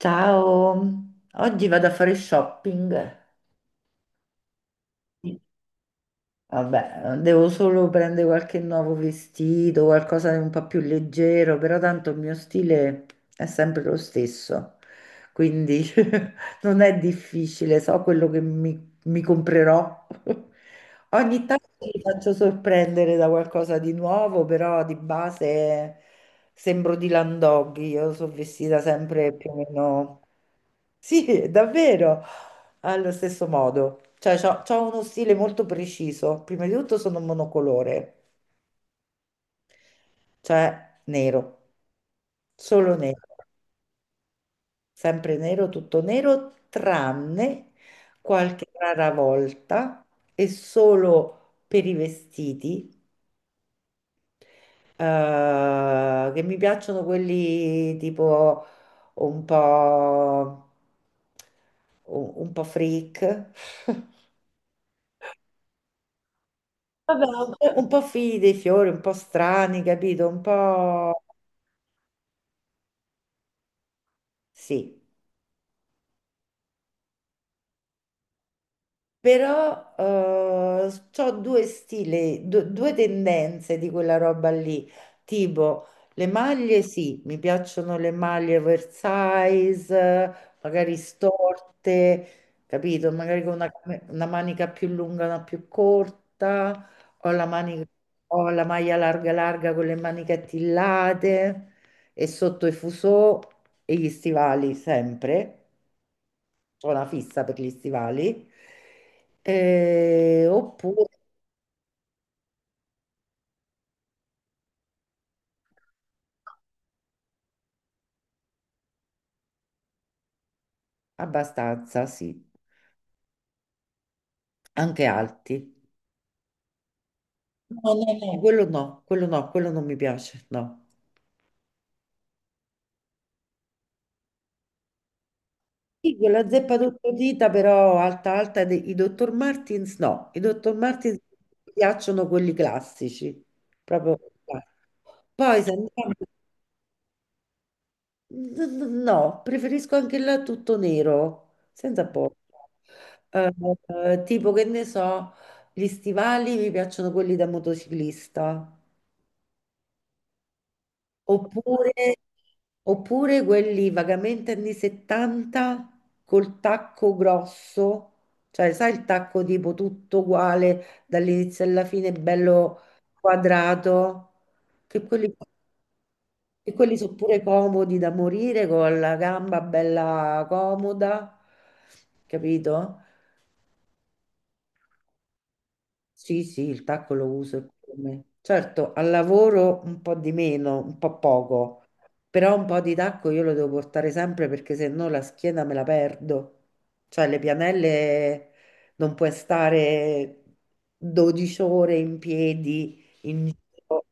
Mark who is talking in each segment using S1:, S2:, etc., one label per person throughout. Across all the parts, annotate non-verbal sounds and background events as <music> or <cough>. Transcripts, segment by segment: S1: Ciao, oggi vado a fare shopping. Vabbè, devo solo prendere qualche nuovo vestito, qualcosa di un po' più leggero, però tanto il mio stile è sempre lo stesso, quindi <laughs> non è difficile, so quello che mi comprerò. <laughs> Ogni tanto mi faccio sorprendere da qualcosa di nuovo, però di base sembro di Landoggi, io sono vestita sempre più o meno, sì, davvero, allo stesso modo. Cioè, c'ho uno stile molto preciso. Prima di tutto sono monocolore, cioè nero, solo nero, sempre nero, tutto nero, tranne qualche rara volta e solo per i vestiti, che mi piacciono quelli tipo un po' un po' freak. <laughs> Vabbè, un po' figli dei fiori, un po' strani, capito? Un po' sì. Però ho due stili, due tendenze di quella roba lì, tipo le maglie, sì, mi piacciono le maglie oversize, magari storte, capito? Magari con una manica più lunga, una più corta, o la manica- o la maglia larga larga con le maniche attillate e sotto i fusò e gli stivali sempre, ho una fissa per gli stivali, oppure abbastanza, sì, anche alti. No, no, no. Quello no, quello no, quello non mi piace, no. Sì, quella zeppa dita però alta alta, i Dr. Martins no, i Dr. Martins mi piacciono quelli classici, proprio. eh. Poi se andiamo, no, preferisco anche là tutto nero, senza porto. Eh, tipo che ne so, gli stivali mi piacciono quelli da motociclista, oppure, oppure quelli vagamente anni 70 col tacco grosso, cioè sai il tacco tipo tutto uguale dall'inizio alla fine, bello quadrato. Che quelli E quelli sono pure comodi da morire con la gamba bella comoda, capito? Sì, sì, il tacco lo uso e come. Certo, al lavoro un po' di meno, un po' poco, però un po' di tacco io lo devo portare sempre perché se no la schiena me la perdo. Cioè le pianelle non puoi stare 12 ore in piedi in giro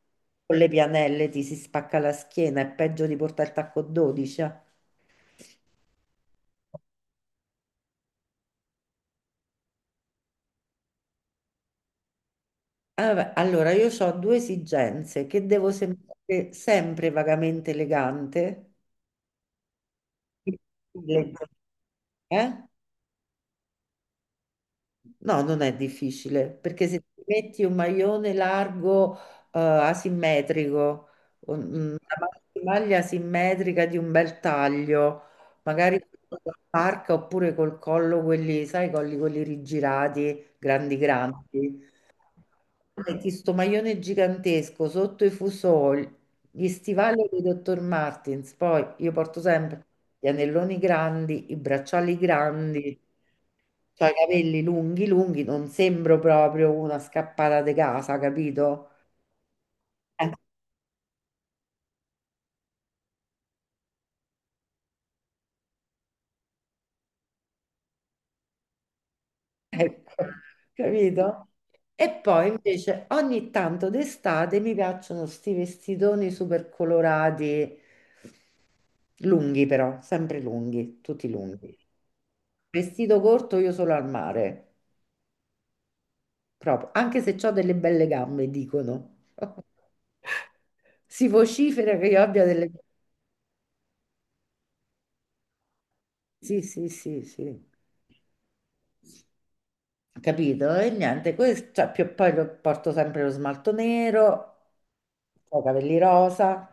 S1: con le pianelle, ti si spacca la schiena, è peggio di portare il tacco 12. Ah, vabbè, allora, io ho due esigenze, che devo sembrare sempre vagamente elegante. Elegante, eh? No, non è difficile, perché se ti metti un maglione largo, asimmetrico, un- mm, una maglia asimmetrica di un bel taglio, magari con la parca oppure col collo, quelli, sai, colli quelli rigirati, grandi grandi. Metti sto maglione gigantesco sotto i fusoli, gli stivali di Dr. Martens, poi io porto sempre gli anelloni grandi, i bracciali grandi, cioè i capelli lunghi lunghi, non sembro proprio una scappata di casa, capito? <laughs> Ecco, capito? E poi invece ogni tanto d'estate mi piacciono sti vestitoni super colorati, lunghi però, sempre lunghi, tutti lunghi. Vestito corto io solo al mare, proprio, anche se ho delle belle gambe, dicono. <laughs> Si vocifera che io abbia delle. Sì, sì, sì, sì. Capito? E niente, questo, cioè, porto sempre lo smalto nero, ho i capelli rosa.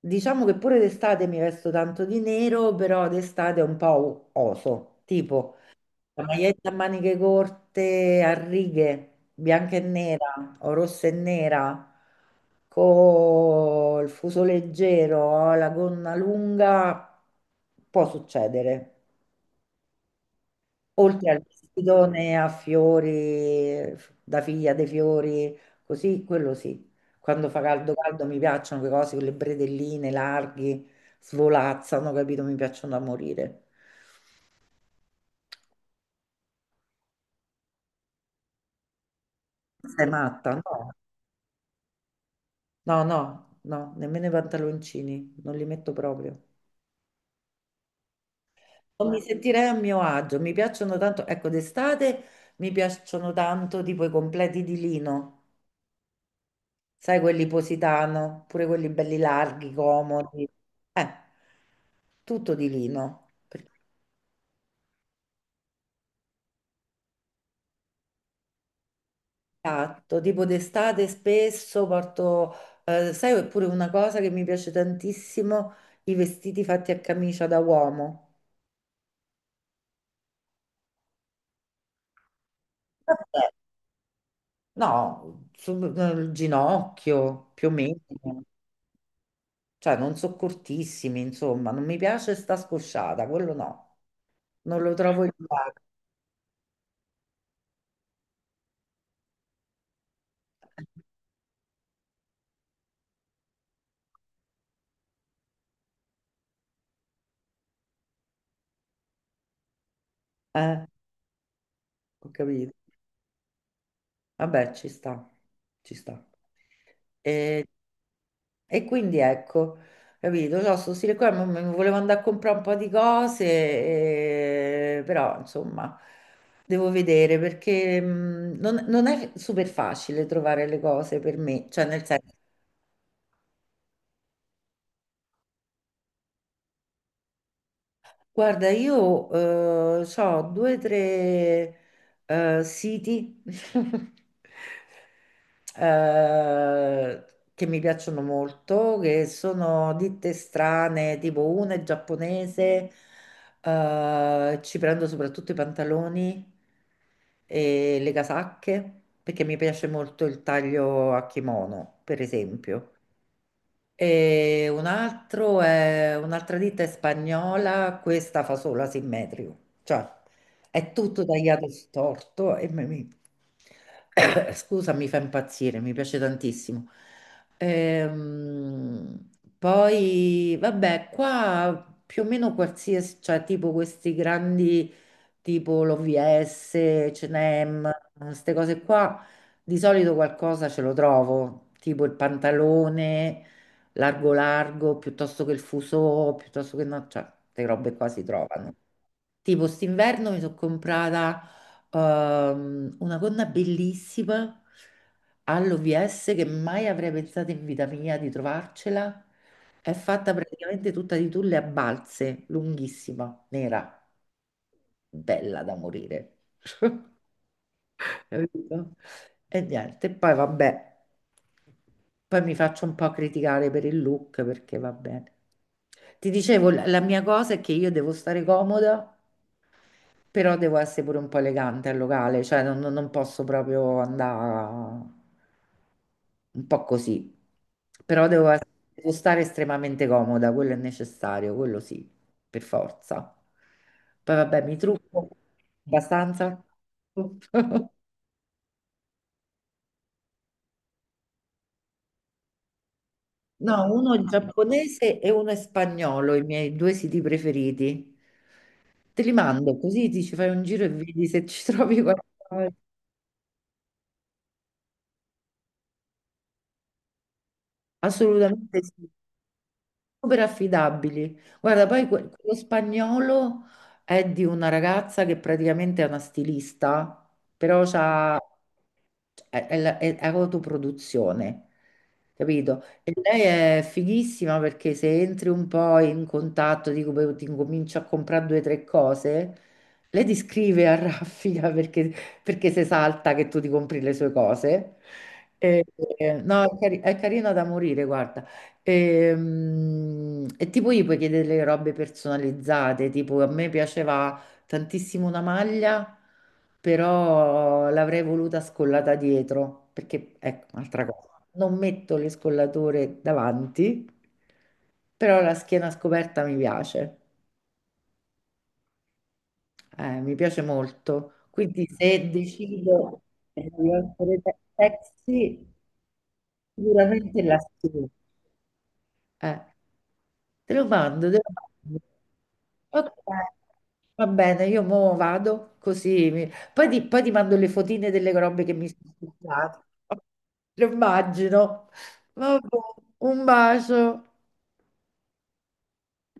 S1: Diciamo che pure d'estate mi vesto tanto di nero, però d'estate è un po' oso, tipo la maglietta a maniche corte a righe, bianca e nera o rossa e nera, col fuso leggero, la gonna lunga, può succedere. Oltre al vestitone a fiori, da figlia dei fiori, così, quello sì. Quando fa caldo caldo mi piacciono quelle cose con le bretelline larghi, svolazzano, capito? Mi piacciono da morire. Sei matta, no? No, no, no, nemmeno i pantaloncini, non li metto proprio. Non mi sentirei a mio agio, mi piacciono tanto, ecco, d'estate mi piacciono tanto tipo i completi di lino, sai, quelli positano, pure quelli belli larghi, comodi, eh, tutto di lino. Perché, esatto, tipo d'estate spesso porto, sai, oppure una cosa che mi piace tantissimo, i vestiti fatti a camicia da uomo. No, sul nel ginocchio più o meno, cioè non so, cortissimi, insomma, non mi piace sta scosciata, quello no, non lo trovo il luogo. Eh, ho capito. Vabbè, ci sta, ci sta. E, e quindi ecco, capito, no, sto stile qua, mo- mi volevo andare a comprare un po' di cose, però insomma, devo vedere perché non è super facile trovare le cose per me, cioè nel senso. Guarda, io ho due o tre siti, <laughs> eh, che mi piacciono molto, che sono ditte strane, tipo una è giapponese, ci prendo soprattutto i pantaloni e le casacche, perché mi piace molto il taglio a kimono, per esempio. Un'altra ditta è spagnola, questa fa solo asimmetrico, cioè è tutto tagliato storto e <coughs> scusa, mi fa impazzire, mi piace tantissimo. Ehm, poi, vabbè, qua più o meno qualsiasi, cioè tipo questi grandi, tipo l'OVS, H&M, queste cose qua, di solito qualcosa ce lo trovo, tipo il pantalone largo largo, piuttosto che il fuso, piuttosto che no, cioè, queste robe qua si trovano. Tipo, st'inverno mi sono comprata una gonna bellissima all'OVS che mai avrei pensato in vita mia di trovarcela. È fatta praticamente tutta di tulle a balze, lunghissima, nera, bella da morire. <laughs> Capito? E niente, poi vabbè. Poi mi faccio un po' criticare per il look perché va bene. Ti dicevo, la mia cosa è che io devo stare comoda, però devo essere pure un po' elegante al locale, cioè non posso proprio andare un po' così, però devo stare estremamente comoda, quello è necessario, quello sì, per forza. Poi vabbè, mi trucco abbastanza. <laughs> No, uno è giapponese e uno è spagnolo, i miei due siti preferiti. Te li mando, così ti ci fai un giro e vedi se ci <laughs> trovi qualcosa. Assolutamente sì, super affidabili. Guarda, poi quello spagnolo è di una ragazza che praticamente è una stilista, però è autoproduzione, capito? E lei è fighissima perché se entri un po' in contatto, dico, beh, ti incomincio a comprare due o tre cose, lei ti scrive a raffica, <laughs> perché, se salta che tu ti compri le sue cose. E- no, è carina da morire, guarda. E tipo gli puoi chiedere le robe personalizzate, tipo a me piaceva tantissimo una maglia, però l'avrei voluta scollata dietro, perché ecco, un'altra cosa, non metto le scollature davanti, però la schiena scoperta mi piace molto. Quindi se decido di essere sexy, sicuramente la schiena. Eh. Te lo mando, te lo mando. Ok, va bene, io mo vado così. Poi ti mando le fotine delle robe che mi sono studiate. <laughs> Lo immagino. Vabbè, un bacio.